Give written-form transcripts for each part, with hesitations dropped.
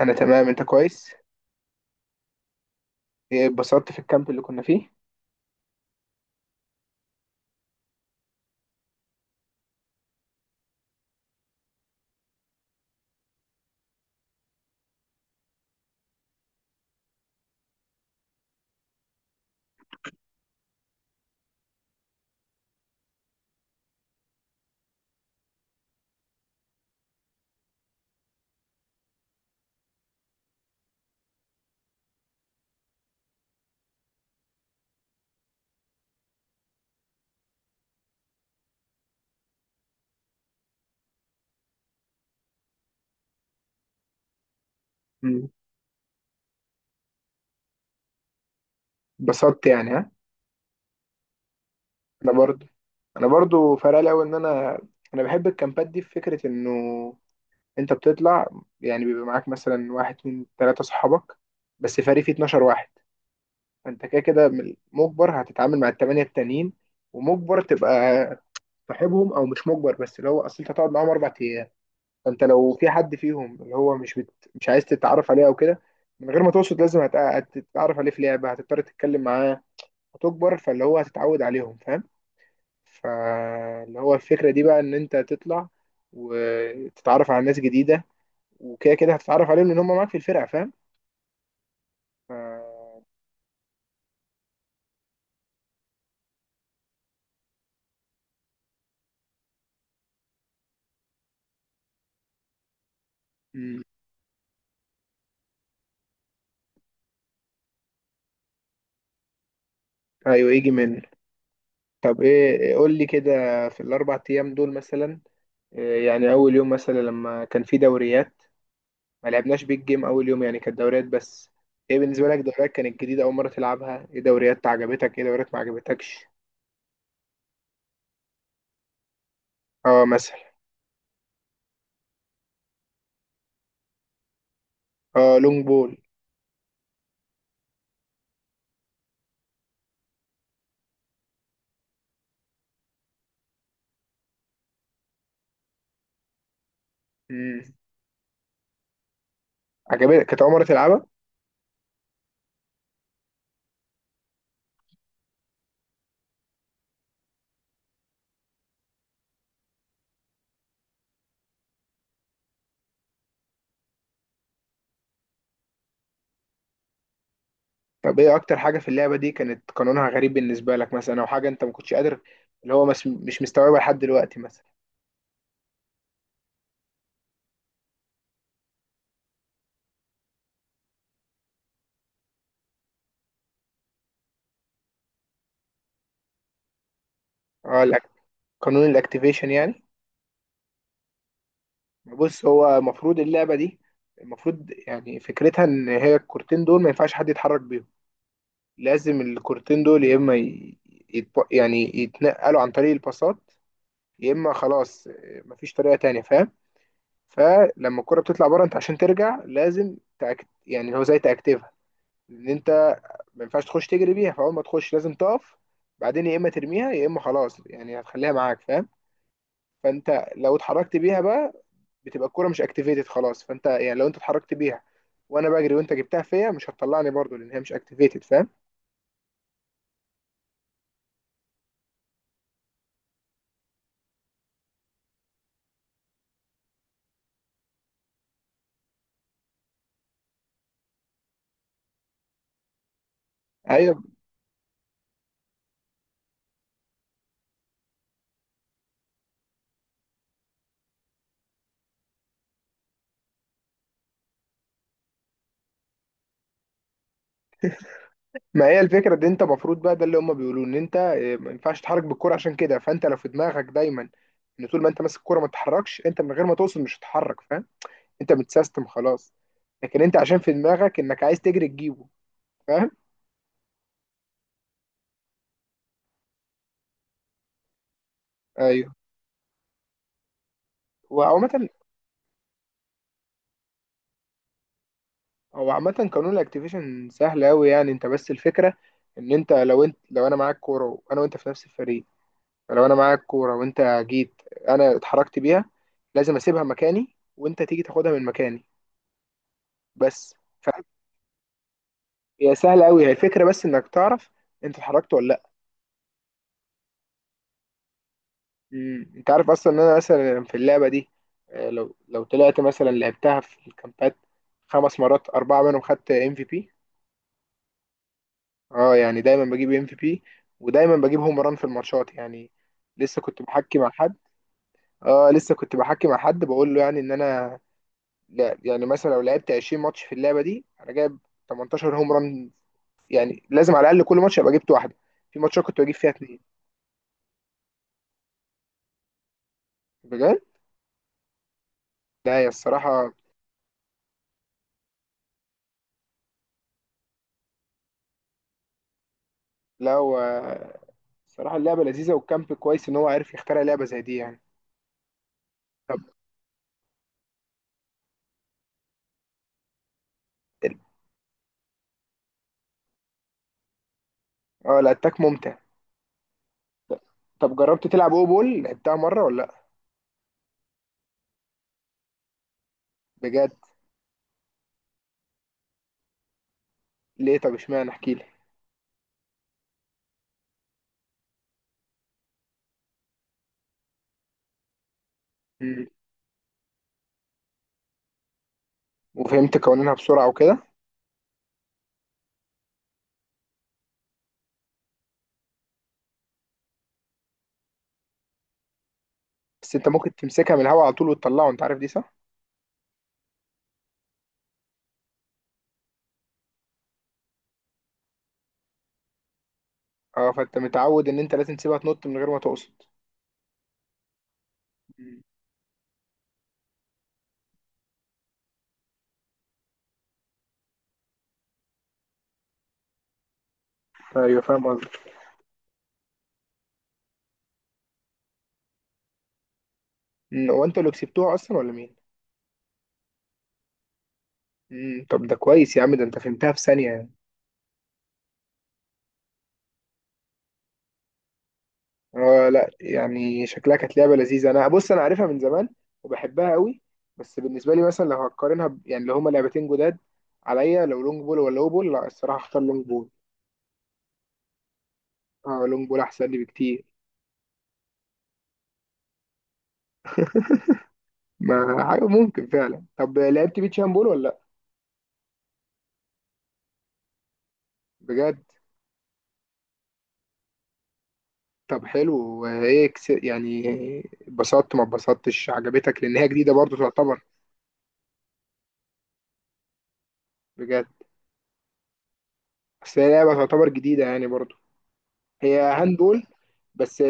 انا تمام، انت كويس؟ إيه، اتبسطت في الكامب اللي كنا فيه؟ مم. اتبسطت يعني، ها؟ انا برضو. انا برضو فرق لي أوي ان انا بحب الكامبات دي، في فكره انه انت بتطلع، يعني بيبقى معاك مثلا واحد اتنين تلاته صحابك، بس فريق فيه 12 واحد. فانت كده كده مجبر هتتعامل مع التمانيه التانيين، ومجبر تبقى صاحبهم، او مش مجبر بس اللي هو اصل انت هتقعد معاهم 4 ايام. فانت لو في حد فيهم اللي هو مش عايز تتعرف عليه او كده، من غير ما تقصد لازم هتتعرف عليه في لعبه، هتضطر تتكلم معاه، هتكبر فاللي هو هتتعود عليهم، فاهم؟ فاللي هو الفكره دي بقى ان انت تطلع وتتعرف على ناس جديده، وكده كده هتتعرف عليهم لان هم معاك في الفرقه، فاهم؟ ف... مم. ايوه. يجي من طب ايه، قول لي كده، في الاربع ايام دول مثلا، إيه يعني اول يوم مثلا لما كان في دوريات؟ ما لعبناش بيج جيم اول يوم، يعني كانت دوريات بس. ايه بالنسبه لك دوريات؟ كانت جديده اول مره تلعبها؟ ايه دوريات عجبتك؟ ايه دوريات ما عجبتكش؟ اه، مثلا. اه، لونج بول. امم. عجبتك؟ كانت اول مره تلعبها؟ طب ايه اكتر حاجه في اللعبه دي كانت قانونها غريب بالنسبه لك، مثلا، او حاجه انت ما كنتش قادر اللي هو مش مستوعبها لحد دلوقتي مثلا؟ اه، قانون الاكتيفيشن يعني. بص، هو المفروض اللعبه دي المفروض يعني فكرتها ان هي الكورتين دول ما ينفعش حد يتحرك بيهم، لازم الكورتين دول يا اما يعني يتنقلوا عن طريق الباصات، يا اما خلاص، مفيش طريقه تانية، فاهم؟ فلما الكره بتطلع بره، انت عشان ترجع لازم يعني هو زي تاكتيفها، ان انت ما ينفعش تخش تجري بيها، فاول ما تخش لازم تقف، بعدين يا اما ترميها يا اما خلاص، يعني هتخليها معاك، فاهم؟ فانت لو اتحركت بيها بقى، بتبقى الكره مش اكتيفيتد خلاص، فانت يعني لو انت اتحركت بيها وانا بجري وانت جبتها فيا، مش هتطلعني برضو لان هي مش اكتيفيتد، فاهم؟ ايوه. ما هي الفكرة دي، انت المفروض بقى ده اللي هم بيقولوه، ان انت ما ينفعش تتحرك بالكرة، عشان كده فانت لو في دماغك دايما ان طول ما انت ماسك الكرة ما تتحركش، انت من غير ما توصل مش هتتحرك، فاهم؟ انت متسيستم خلاص. لكن انت عشان في دماغك انك عايز تجري تجيبه، فاهم؟ ايوه. وعامة، هو عامة قانون الاكتيفيشن سهل قوي، يعني انت بس الفكرة ان انت لو انا معاك كورة وانا وانت في نفس الفريق، لو انا معاك كورة وانت جيت، انا اتحركت بيها، لازم اسيبها مكاني وانت تيجي تاخدها من مكاني، بس. هي سهلة أوي، هي الفكرة بس إنك تعرف أنت اتحركت ولا لأ. مم. أنت عارف أصلا إن أنا مثلا في اللعبة دي، لو طلعت مثلا لعبتها في الكامبات خمس مرات، أربعة منهم خدت ام في بي. أه يعني دايما بجيب ام في بي، ودايما بجيب هوم ران في الماتشات يعني. لسه كنت بحكي مع حد. أه لسه كنت بحكي مع حد بقول له يعني إن أنا، لا يعني مثلا لو لعبت 20 ماتش في اللعبة دي أنا جايب 18 هوم ران، يعني لازم على الأقل كل ماتش أبقى جبت واحدة، في ماتشات كنت بجيب فيها اتنين. بجد. لا هي الصراحة لا هو الصراحة اللعبة لذيذة، والكامب كويس إن هو عارف يخترع لعبة زي دي يعني. طب. اه، الأتاك ممتع. طب جربت تلعب أو بول؟ لعبتها مرة ولا لأ؟ بجد؟ ليه؟ طب اشمعنى، احكيلي. مم. وفهمت قوانينها بسرعة وكده؟ بس أنت ممكن تمسكها من الهوا على طول وتطلعه، أنت عارف دي صح؟ اه، فأنت متعود إن أنت لازم تسيبها تنط من غير ما تقصد. مم. أيوه، فاهم قصدك. مم. هو أنتوا اللي كسبتوها أصلا ولا مين؟ مم. طب ده كويس يا عم، ده أنت فهمتها في ثانية يعني. آه لا، يعني شكلها كانت لعبة لذيذة. أنا بص، أنا عارفها من زمان وبحبها قوي، بس بالنسبة لي مثلا لو هقارنها يعني اللي هما لعبتين جداد عليا، لو لونج بول ولا لو بول، لا الصراحة هختار لونج بول. اه، لونج بول أحسن لي بكتير. ما حاجة ممكن فعلا. طب لعبت بيتش هاند بول ولا لأ؟ بجد؟ طب حلو، ايه يعني اتبسطت ما اتبسطتش؟ عجبتك؟ لأن هي جديدة برضو تعتبر. بجد؟ بس هي لعبة تعتبر جديدة يعني برضو. هي هاند بول بس.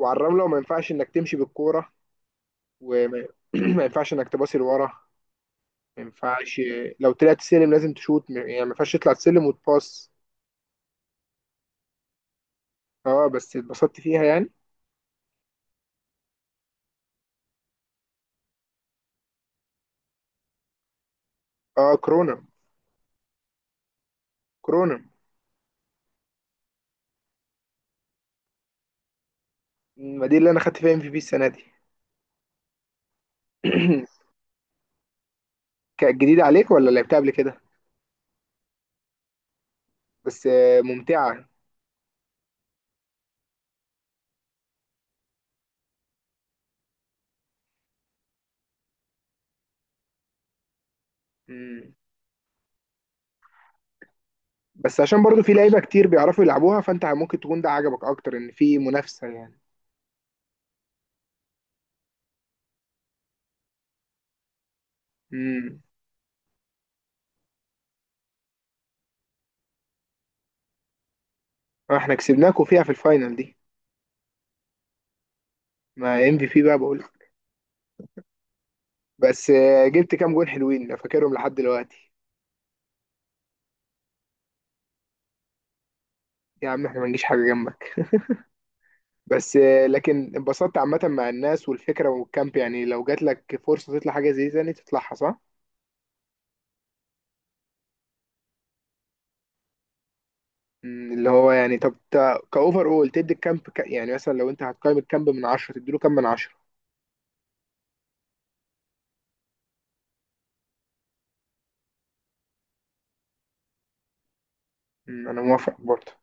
وعلى الرملة، وما ينفعش إنك تمشي بالكورة. وما ما ينفعش انك تباصي لورا. ما ينفعش، لو طلعت سلم لازم تشوت، يعني ما ينفعش تطلع السلم وتباص. اه، بس اتبسطت فيها يعني. اه، كورونا. كورونا. ما دي اللي انا خدت فيها ام في بي السنه دي. كانت جديده عليك ولا لعبتها قبل كده؟ بس ممتعه. مم. بس عشان برضو في لعيبه كتير بيعرفوا يلعبوها، فانت ممكن تكون ده عجبك اكتر ان في منافسه يعني. امم. احنا كسبناكوا فيها في الفاينل دي. ما ام في بي بقى بقول. بس جبت كام جون حلوين أنا فاكرهم لحد دلوقتي. يا عم احنا ما نجيش حاجة جنبك. بس لكن اتبسطت عامة مع الناس والفكرة والكامب، يعني لو جات لك فرصة تطلع حاجة زي دي تاني تطلعها صح؟ مم. اللي هو يعني، طب، كأوفر أول تدي الكامب يعني مثلا لو أنت هتقيم الكامب من 10 تديله كام من 10؟ مم، أنا موافق برضه.